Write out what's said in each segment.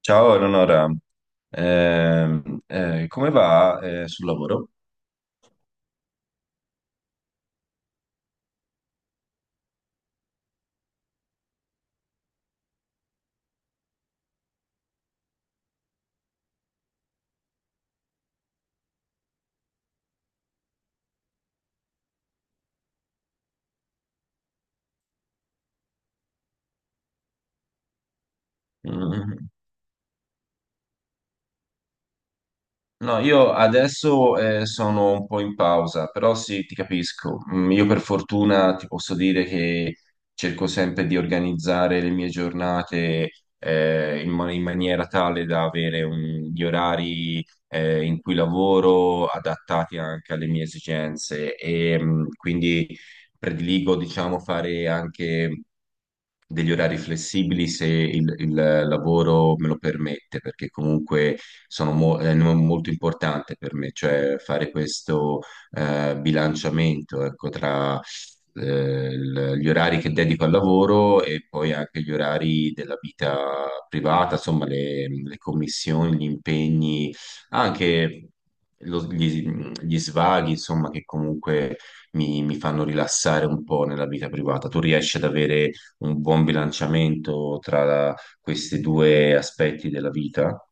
Ciao Eleonora. Come va sul lavoro? Mm. No, io adesso sono un po' in pausa, però sì, ti capisco. Mm, io per fortuna ti posso dire che cerco sempre di organizzare le mie giornate in maniera tale da avere gli orari in cui lavoro adattati anche alle mie esigenze e quindi prediligo, diciamo, fare anche degli orari flessibili se il lavoro me lo permette, perché comunque sono mo- è no- molto importante per me, cioè fare questo bilanciamento, ecco, tra gli orari che dedico al lavoro e poi anche gli orari della vita privata, insomma, le commissioni, gli impegni, anche lo- gli, gli svaghi, insomma, che comunque mi fanno rilassare un po' nella vita privata. Tu riesci ad avere un buon bilanciamento tra questi due aspetti della vita.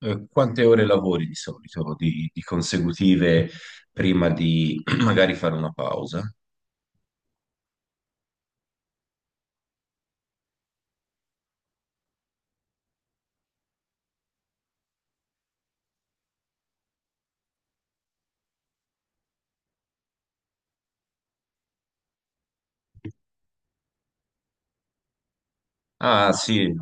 Quante ore lavori di solito, di consecutive, prima di magari fare una pausa? Ah, sì.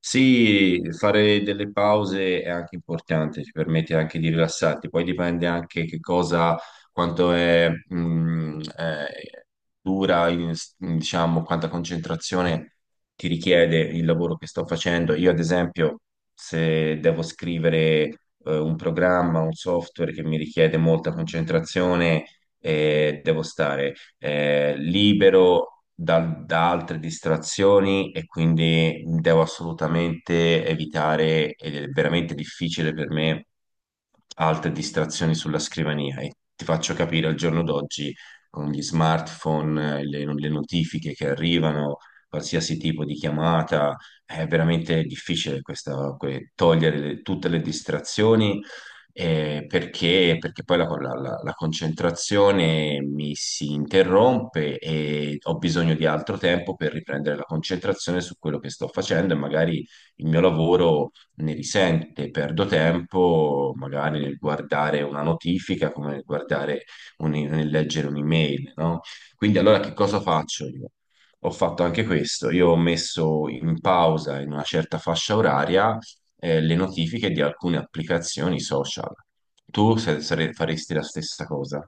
Sì, fare delle pause è anche importante, ci permette anche di rilassarti, poi dipende anche che cosa, quanto è, dura, diciamo, quanta concentrazione ti richiede il lavoro che sto facendo. Io, ad esempio, se devo scrivere, un programma, un software che mi richiede molta concentrazione, devo stare libero da altre distrazioni e quindi devo assolutamente evitare, ed è veramente difficile per me, altre distrazioni sulla scrivania. E ti faccio capire al giorno d'oggi con gli smartphone, le notifiche che arrivano, qualsiasi tipo di chiamata, è veramente difficile togliere tutte le distrazioni perché poi la concentrazione mi si interrompe e ho bisogno di altro tempo per riprendere la concentrazione su quello che sto facendo e magari il mio lavoro ne risente, perdo tempo magari nel guardare una notifica come nel guardare nel leggere un'email, no? Quindi allora che cosa faccio io? Ho fatto anche questo, io ho messo in pausa in una certa fascia oraria le notifiche di alcune applicazioni social. Tu faresti la stessa cosa?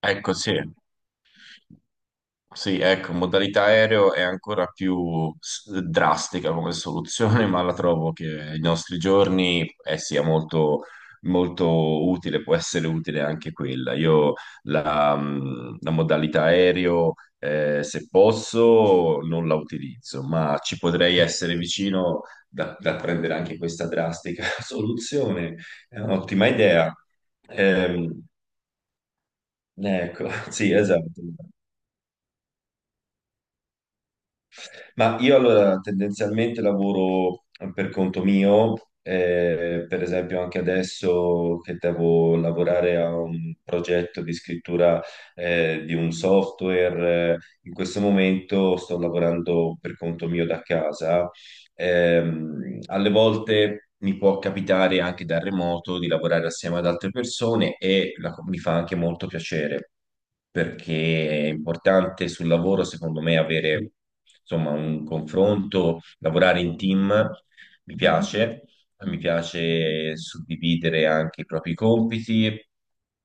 Ecco, sì. Sì, ecco, modalità aereo è ancora più drastica come soluzione, ma la trovo che ai nostri giorni sia molto, molto utile, può essere utile anche quella. Io la modalità aereo, se posso, non la utilizzo, ma ci potrei essere vicino da prendere anche questa drastica soluzione. È un'ottima idea. Ehm, ecco, sì, esatto. Ma io allora tendenzialmente lavoro per conto mio, per esempio anche adesso che devo lavorare a un progetto di scrittura di un software, in questo momento sto lavorando per conto mio da casa. Alle volte mi può capitare anche da remoto di lavorare assieme ad altre persone e mi fa anche molto piacere perché è importante sul lavoro, secondo me, avere insomma un confronto, lavorare in team, mi piace, mi piace suddividere anche i propri compiti.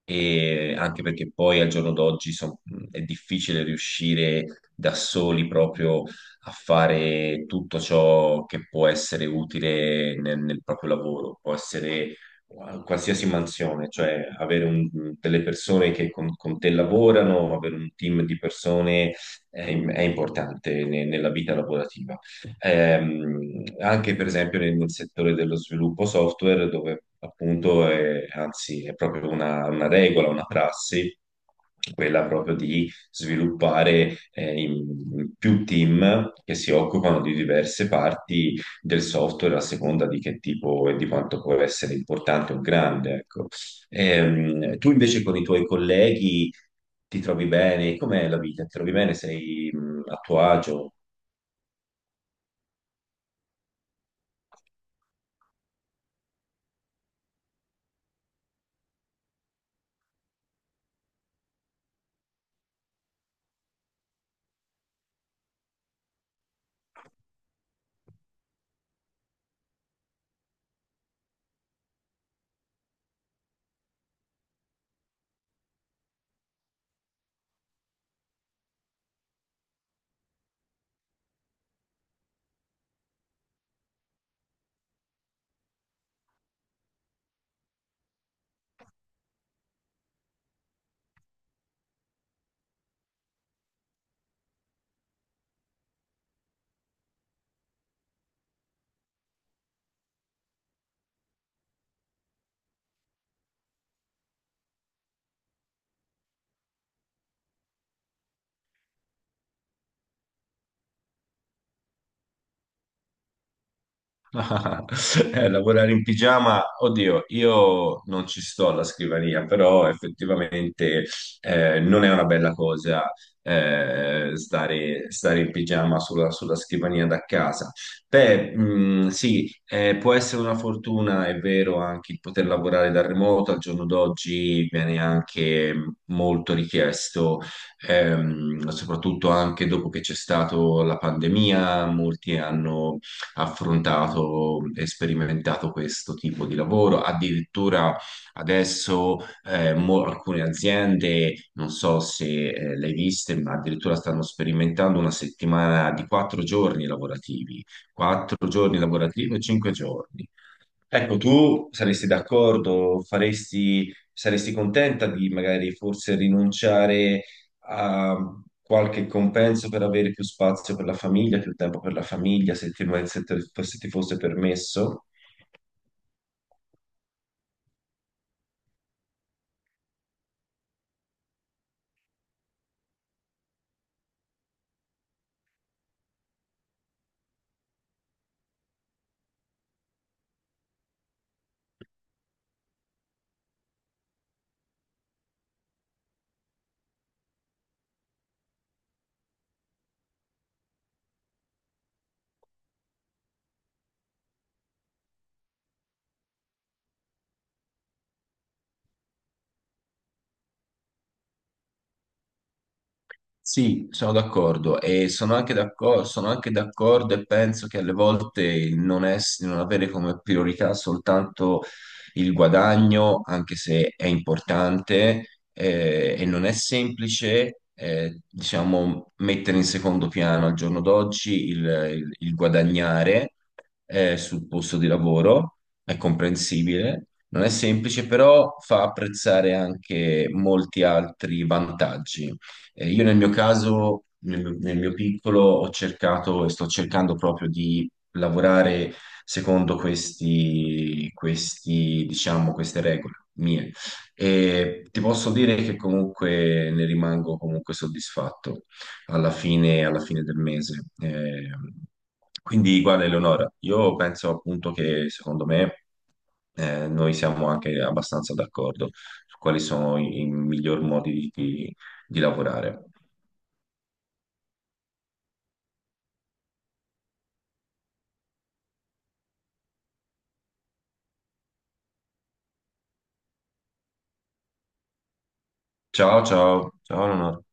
E anche perché poi al giorno d'oggi è difficile riuscire da soli proprio a fare tutto ciò che può essere utile nel proprio lavoro, può essere qualsiasi mansione, cioè avere delle persone che con te lavorano, avere un team di persone è importante nella vita lavorativa. Anche per esempio nel settore dello sviluppo software, dove appunto è, anzi è proprio una regola, una prassi, quella proprio di sviluppare in più team che si occupano di diverse parti del software a seconda di che tipo e di quanto può essere importante o grande, ecco. Tu invece con i tuoi colleghi ti trovi bene? Com'è la vita? Ti trovi bene? Sei a tuo agio? Lavorare in pigiama, oddio, io non ci sto alla scrivania, però effettivamente non è una bella cosa eh, stare in pigiama sulla scrivania da casa. Beh, sì, può essere una fortuna, è vero, anche il poter lavorare da remoto, al giorno d'oggi viene anche molto richiesto, soprattutto anche dopo che c'è stata la pandemia, molti hanno affrontato e sperimentato questo tipo di lavoro. Addirittura adesso alcune aziende, non so se le hai viste, ma addirittura stanno sperimentando una settimana di 4 giorni lavorativi, quattro giorni lavorativi e 5 giorni. Ecco, tu saresti d'accordo, faresti, saresti contenta di magari forse rinunciare a qualche compenso per avere più spazio per la famiglia, più tempo per la famiglia, se ti fosse permesso? Sì, sono d'accordo e sono anche d'accordo e penso che alle volte il non avere come priorità soltanto il guadagno, anche se è importante e non è semplice, diciamo, mettere in secondo piano al giorno d'oggi il guadagnare sul posto di lavoro, è comprensibile. Non è semplice, però fa apprezzare anche molti altri vantaggi. Io nel mio caso, nel mio piccolo, ho cercato e sto cercando proprio di lavorare secondo diciamo, queste regole mie. E ti posso dire che comunque ne rimango comunque soddisfatto alla fine del mese. Quindi, guarda, Eleonora, io penso appunto che secondo me noi siamo anche abbastanza d'accordo su quali sono i miglior modi di lavorare. Ciao, ciao, ciao Leonardo.